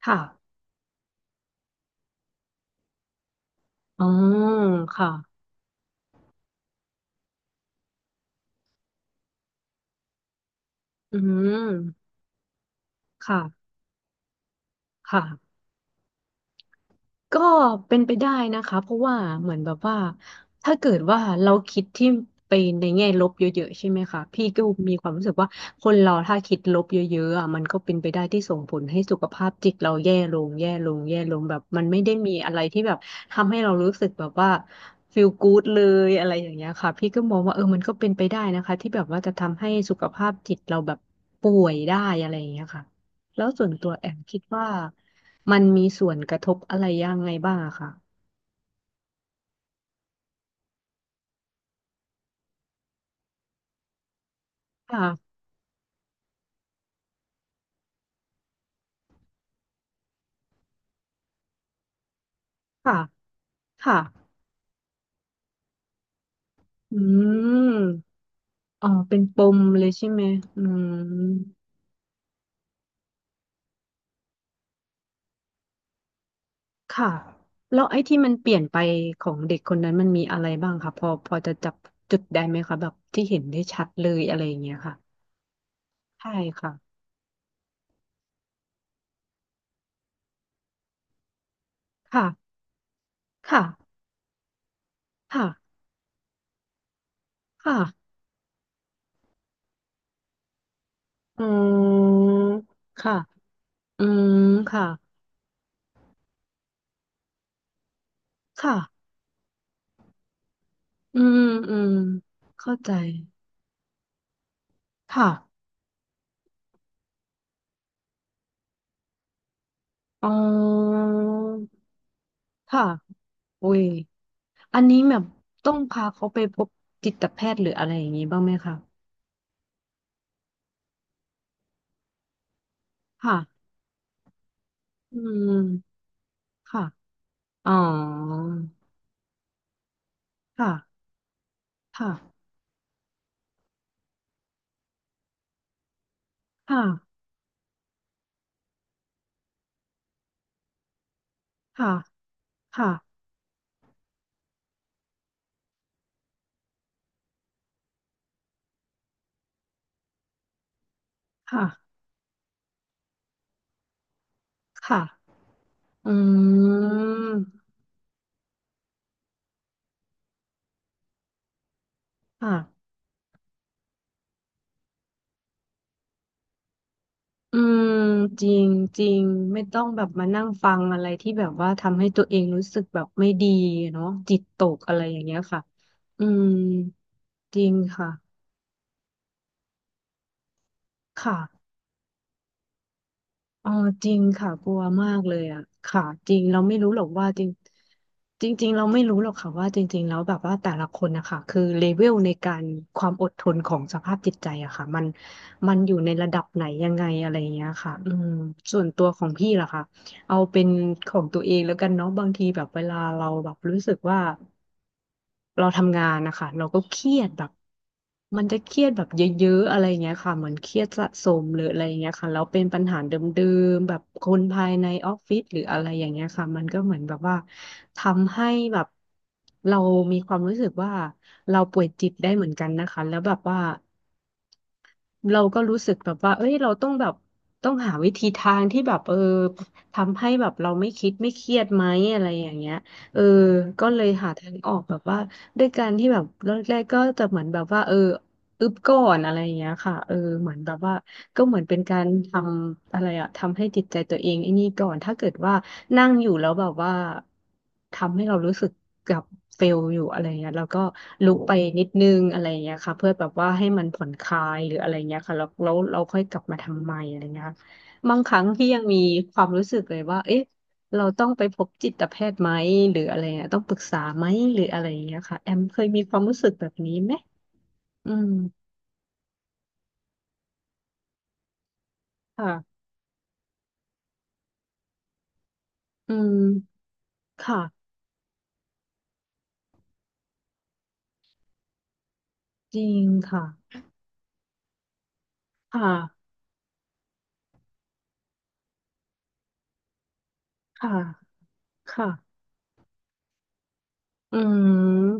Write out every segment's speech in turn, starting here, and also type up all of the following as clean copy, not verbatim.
ค่ะอ๋อค่ะ อืมค่ะ ค่ะ ก็เป็นไปได้นะคะเพราะว่าเหมือนแบบว่าถ้าเกิดว่าเราคิดที่ไปในแง่ลบเยอะๆใช่ไหมคะพี่ก็มีความรู้สึกว่าคนเราถ้าคิดลบเยอะๆอ่ะมันก็เป็นไปได้ที่ส่งผลให้สุขภาพจิตเราแย่ลงแย่ลงแย่ลงแบบมันไม่ได้มีอะไรที่แบบทำให้เรารู้สึกแบบว่าฟีลกู๊ดเลยอะไรอย่างเงี้ยค่ะพี่ก็มองว่าเออมันก็เป็นไปได้นะคะที่แบบว่าจะทำให้สุขภาพจิตเราแบบป่วยได้อะไรอย่างเงี้ยค่ะแล้วส่วนตัวแอมคิดว่า มันมีส่วนกระทบอะไรยังไงบ้างอะค่ะค่ะ ค่ะ ค่ะอืมอ๋อเป็นปมเลยใช่ไหมอืม ค่ะ แล้วไอ้ที่มันเปลี่ยนไปของเด็กคนนั้นมันมีอะไรบ้างคะพอจะจับจุดได้ไหมคะแบบที่เห็นได้ชัดเลยอะไรอย่างเงี้ยค่ะใช่ค่ะ ค่ะค่ะค่ะค่ะอืมค่ะอืมค่ะค่ะอืมอืมเข้าใจ ค่ะอ๋อ ค่ะอุ้ยอันนี้แบบต้องพาเขาไปพบจิตแพทย์หรืออะไรอย่างนี้บ้างไหมคะค่ะอืมค่ะอ๋อค่ะค่ะค่ะค่ะค่ะค่ะค่ะอืมค่ะอืมจริงจริงไม่ต้องแบบมานั่งฟังอะไรที่แบบว่าทำให้ตัวเองรู้สึกแบบไม่ดีเนาะจิตตกอะไรอย่างเงี้ยค่ะอืมจริงค่ะค่ะ เออจริงค่ะกลัวมากเลยอ่ะค่ะจริงเราไม่รู้หรอกว่าจริงจริงๆเราไม่รู้หรอกค่ะว่าจริงๆแล้วแบบว่าแต่ละคนนะคะคือเลเวลในการความอดทนของสภาพจิตใจอะค่ะมันอยู่ในระดับไหนยังไงอะไรอย่างเงี้ยค่ะอืมส่วนตัวของพี่ล่ะค่ะเอาเป็นของตัวเองแล้วกันเนาะบางทีแบบเวลาเราแบบรู้สึกว่า เราทำงานนะคะเราก็เครียดแบบมันจะเครียดแบบเยอะๆอะไรเงี้ยค่ะเหมือนเครียดสะสมหรืออะไรเงี้ยค่ะแล้วเป็นปัญหาเดิมๆแบบคนภายในออฟฟิศหรืออะไรอย่างเงี้ยค่ะมันก็เหมือนแบบว่าทำให้แบบเรามีความรู้สึกว่าเราป่วยจิตได้เหมือนกันนะคะแล้วแบบว่า เราก็รู้สึกแบบว่าเอ้ยเราต้องแบบต้องหาวิธีทางที่แบบเออทำให้แบบเราไม่คิดไม่เครียดไหมอะไรอย่างเงี้ยเออก็เลยหาทางออกแบบว่าด้วยการที่แบบแรกๆก็จะเหมือนแบบว่าเอออึบก่อนอะไรอย่างเงี้ยค่ะเออเหมือนแบบว่าก็เหมือนเป็นการทำอะไรอะทำให้จิตใจตัวเองไอ้นี่ก่อนถ้าเกิดว่า นั่งอยู่แล้วแบบว่าทำให้เรารู้สึกกับเฟลอยู่อะไรเงี้ยแล้วก็ลุกไปนิดนึงอะไรเงี้ยค่ะเพื่อแบบว่าให้มันผ่อนคลายหรืออะไรเงี้ยค่ะแล้วเราค่อยกลับมาทำใหม่อะไรเงี้ยค่ะบางครั้งที่ยังมีความรู้สึกเลยว่าเอ๊ะเราต้องไปพบจิตแพทย์ไหมหรืออะไรเงี้ยต้องปรึกษาไหมหรืออะไรเงี้ยค่ะแอมเคยมีความรู้สึกแบบนี้ไหมอืมค่ะอืมค่ะจริงค่ะค่ะค่ะค่ะอืม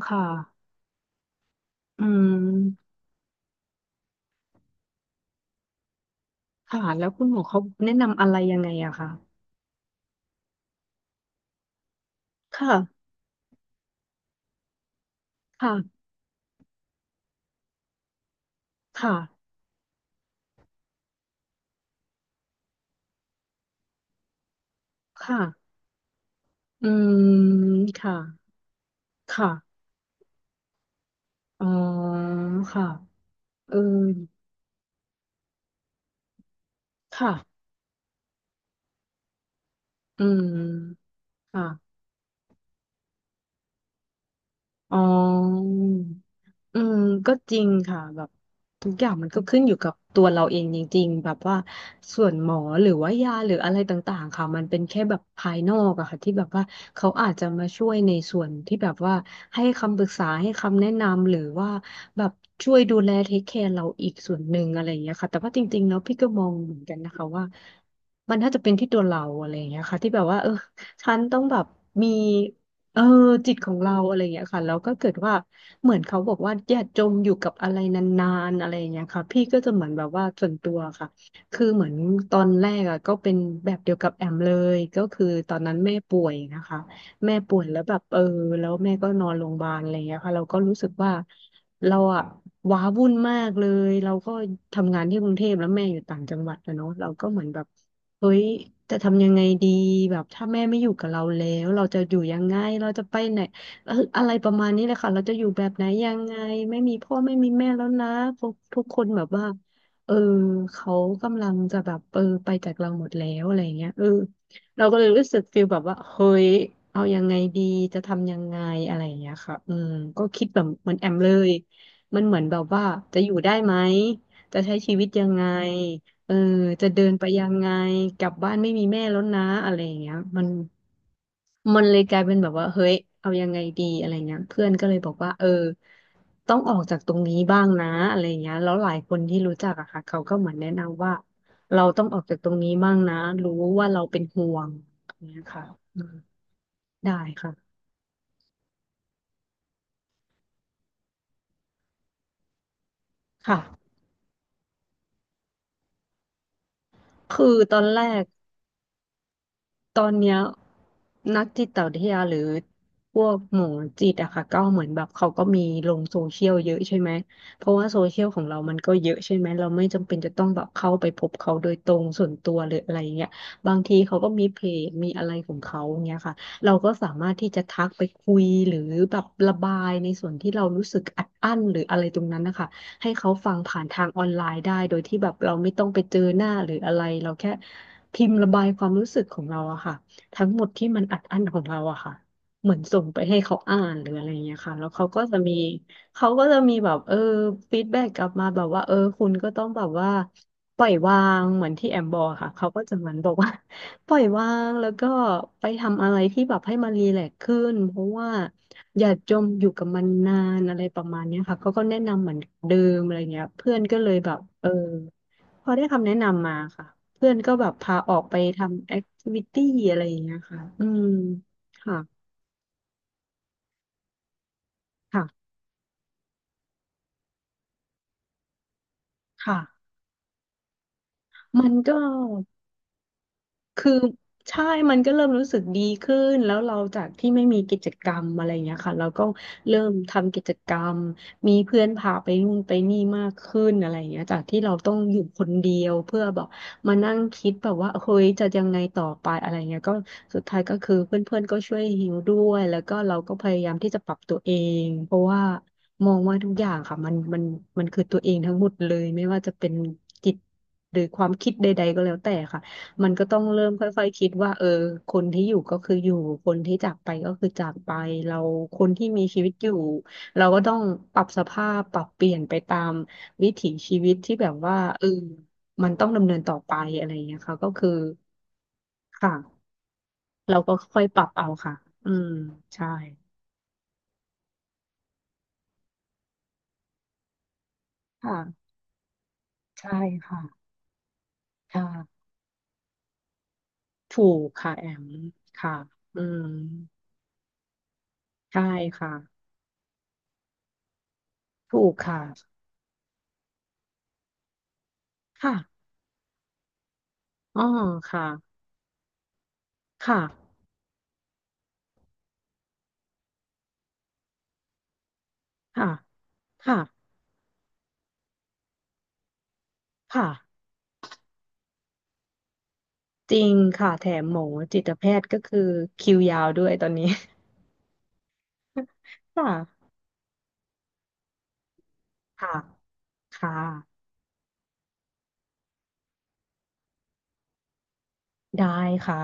ค่ะอืม ค่ะแล้วคุณหมอเขาแนะนำอะไรยังไงอะคะค่ะค่ะค่ะค่ะอืมค่ะค่ะอ๋อค่ะเออค่ะอืมค่ะอ๋อ อืมก็จริงค่ะแบบทุกอย่างมันก็ขึ้นอยู่กับตัวเราเองจริงๆแบบว่าส่วนหมอหรือว่ายาหรืออะไรต่างๆค่ะมันเป็นแค่แบบภายนอกอะค่ะที่แบบว่าเขาอาจจะมาช่วยในส่วนที่แบบว่าให้คำปรึกษาให้คำแนะนำหรือว่าแบบช่วยดูแลเทคแคร์เราอีกส่วนหนึ่งอะไรอย่างเงี้ยค่ะแต่ว่าจริงๆแล้วพี่ก็มองเหมือนกันนะคะว่ามันน่าจะเป็นที่ตัวเราอะไรอย่างเงี้ยค่ะที่แบบว่าเออฉันต้องแบบมี เออจิตของเราอะไรอย่างเงี้ยค่ะแล้วก็เกิดว่าเหมือนเขาบอกว่าอย่าจมอยู่กับอะไรนานๆอะไรอย่างเงี้ยค่ะพี่ก็จะเหมือนแบบว่าส่วนตัวค่ะคือเหมือนตอนแรกอ่ะก็เป็นแบบเดียวกับแอมเลยก็คือตอนนั้นแม่ป่วยนะคะแม่ป่วยแล้วแบบเออแล้วแม่ก็นอนโรงพยาบาลอะไรอย่างเงี้ยค่ะเราก็รู้สึกว่าเราอ่ะว้าวุ่นมากเลยเราก็ทำงานที่กรุงเทพแล้วแม่อยู่ต่างจังหวัดนะเนาะเราก็เหมือนแบบ เฮ้ย จะทำยังไงดีแบบถ้าแม่ไม่อยู่กับเราแล้วเราจะอยู่ยังไงเราจะไปไหนอะไรประมาณนี้เลยค่ะเราจะอยู่แบบไหนยังไงไม่มีพ่อไม่มีแม่แล้วนะทุกคนแบบว่าเออเขากำลังจะแบบไปจากเราหมดแล้วอะไรอย่างเงี้ยเราก็เลยรู้สึกฟีลแบบว่าเฮ้ยเอายังไงดีจะทำยังไงอะไรอย่างเงี้ยค่ะอืมก็คิดแบบเหมือนแอมเลยมันเหมือนแบบว่าจะอยู่ได้ไหมจะใช้ชีวิตยังไง เออจะเดินไปยังไงกลับบ้านไม่มีแม่แล้วนะอะไรอย่างเงี้ยมันเลยกลายเป็นแบบว่าเฮ้ยเอายังไงดีอะไรเงี้ยเพื่อนก็เลยบอกว่าต้องออกจากตรงนี้บ้างนะอะไรเงี้ยแล้วหลายคนที่รู้จักอะค่ะเขาก็เหมือนแนะนำว่าเราต้องออกจากตรงนี้บ้างนะรู้ว่าเราเป็นห่วงอย่างเงี้ยค่ะอืมได้ค่ะค่ะคือตอนแรก ตอนเนี้ยนักจิตวิทยาหรือพวกหมอจิตอะค่ะก็เหมือนแบบเขาก็มีลงโซเชียลเยอะใช่ไหมเพราะว่าโซเชียลของเรามันก็เยอะใช่ไหมเราไม่จำเป็นจะต้องแบบเข้าไปพบเขาโดยตรงส่วนตัวหรืออะไรเงี้ยบางทีเขาก็มีเพจมีอะไรของเขาเงี้ยค่ะเราก็สามารถที่จะทักไปคุยหรือแบบระบายในส่วนที่เรารู้สึกอัดอั้นหรืออะไรตรงนั้นนะคะ ให้เขาฟังผ่านทางออนไลน์ได้โดยที่แบบเราไม่ต้องไปเจอหน้าหรืออะไรเราแค่พิมพ์ระบายความรู้สึกของเราอะค่ะทั้งหมดที่มันอัดอั้นของเราอะค่ะเหมือนส่งไปให้เขาอ่านหรืออะไรอย่างเงี้ยค่ะแล้วเขาก็จะมีแบบฟีดแบ็กกลับมาแบบว่าเออคุณก็ต้องแบบว่าปล่อยวางเหมือนที่แอมบอกค่ะเขาก็จะเหมือนบอกว่า ปล่อยวางแล้วก็ไปทำอะไรที่แบบให้มันรีแลกซ์ขึ้นเพราะว่าอย่าจมอยู่กับมันนานอะไรประมาณเนี้ยค่ะเขาก็แนะนำเหมือนเดิมอะไรเงี้ยเพื่อนก็เลยแบบพอได้คำแนะนำมาค่ะเพื่อนก็แบบพาออกไปทำแอคทิวิตี้อะไรอย่างเงี้ยค่ะอืมค่ะค่ะค่ะมันก็ คือใช่ มันก็เริ่มรู้สึกดีขึ้นแล้วเราจากที่ไม่มีกิจกรรมอะไรเงี้ยค่ะเราก็เริ่มทำกิจกรรมมีเพื่อนพาไปนู่นไปนี่มากขึ้นอะไรเงี้ยจากที่เราต้องอยู่คนเดียวเพื่อแบบมานั่งคิดแบบว่าเฮ้ยจะยังไงต่อไปอะไรเงี้ยก็สุดท้ายก็คือเพื่อนๆก็ช่วยฮิวด้วย แล้วก็เราก็พยายามที่จะปรับตัวเองเพราะว่ามองว่าทุกอย่างค่ะมันมันคือตัวเองทั้งหมดเลยไม่ว่าจะเป็นจิตหรือความคิดใดๆก็แล้วแต่ค่ะ มันก็ต้องเริ่มค่อยๆคิดว่าเออคนที่อยู่ก็คืออยู่คนที่จากไปก็คือจากไปเราคนที่มีชีวิตอยู่เราก็ต้องปรับสภาพปรับเปลี่ยนไปตามวิถีชีวิตที่แบบว่าเออมันต้องดำเนินต่อไปอะไรอย่างเงี้ยค่ะก็คือค่ะเราก็ค่อยปรับเอาค่ะอืมใช่ค่ะใช่ค่ะค่ะถูกค่ะแอมค่ะอืมใช่ค่ะถูกค่ะค่ะอ๋อค่ะค่ะค่ะค่ะ ค่ะจริงค่ะแถมหมอจิตแพทย์ก็คือคิวยาวด้วยตอนนี้ ค่ะค่ะค่ะได้ค่ะ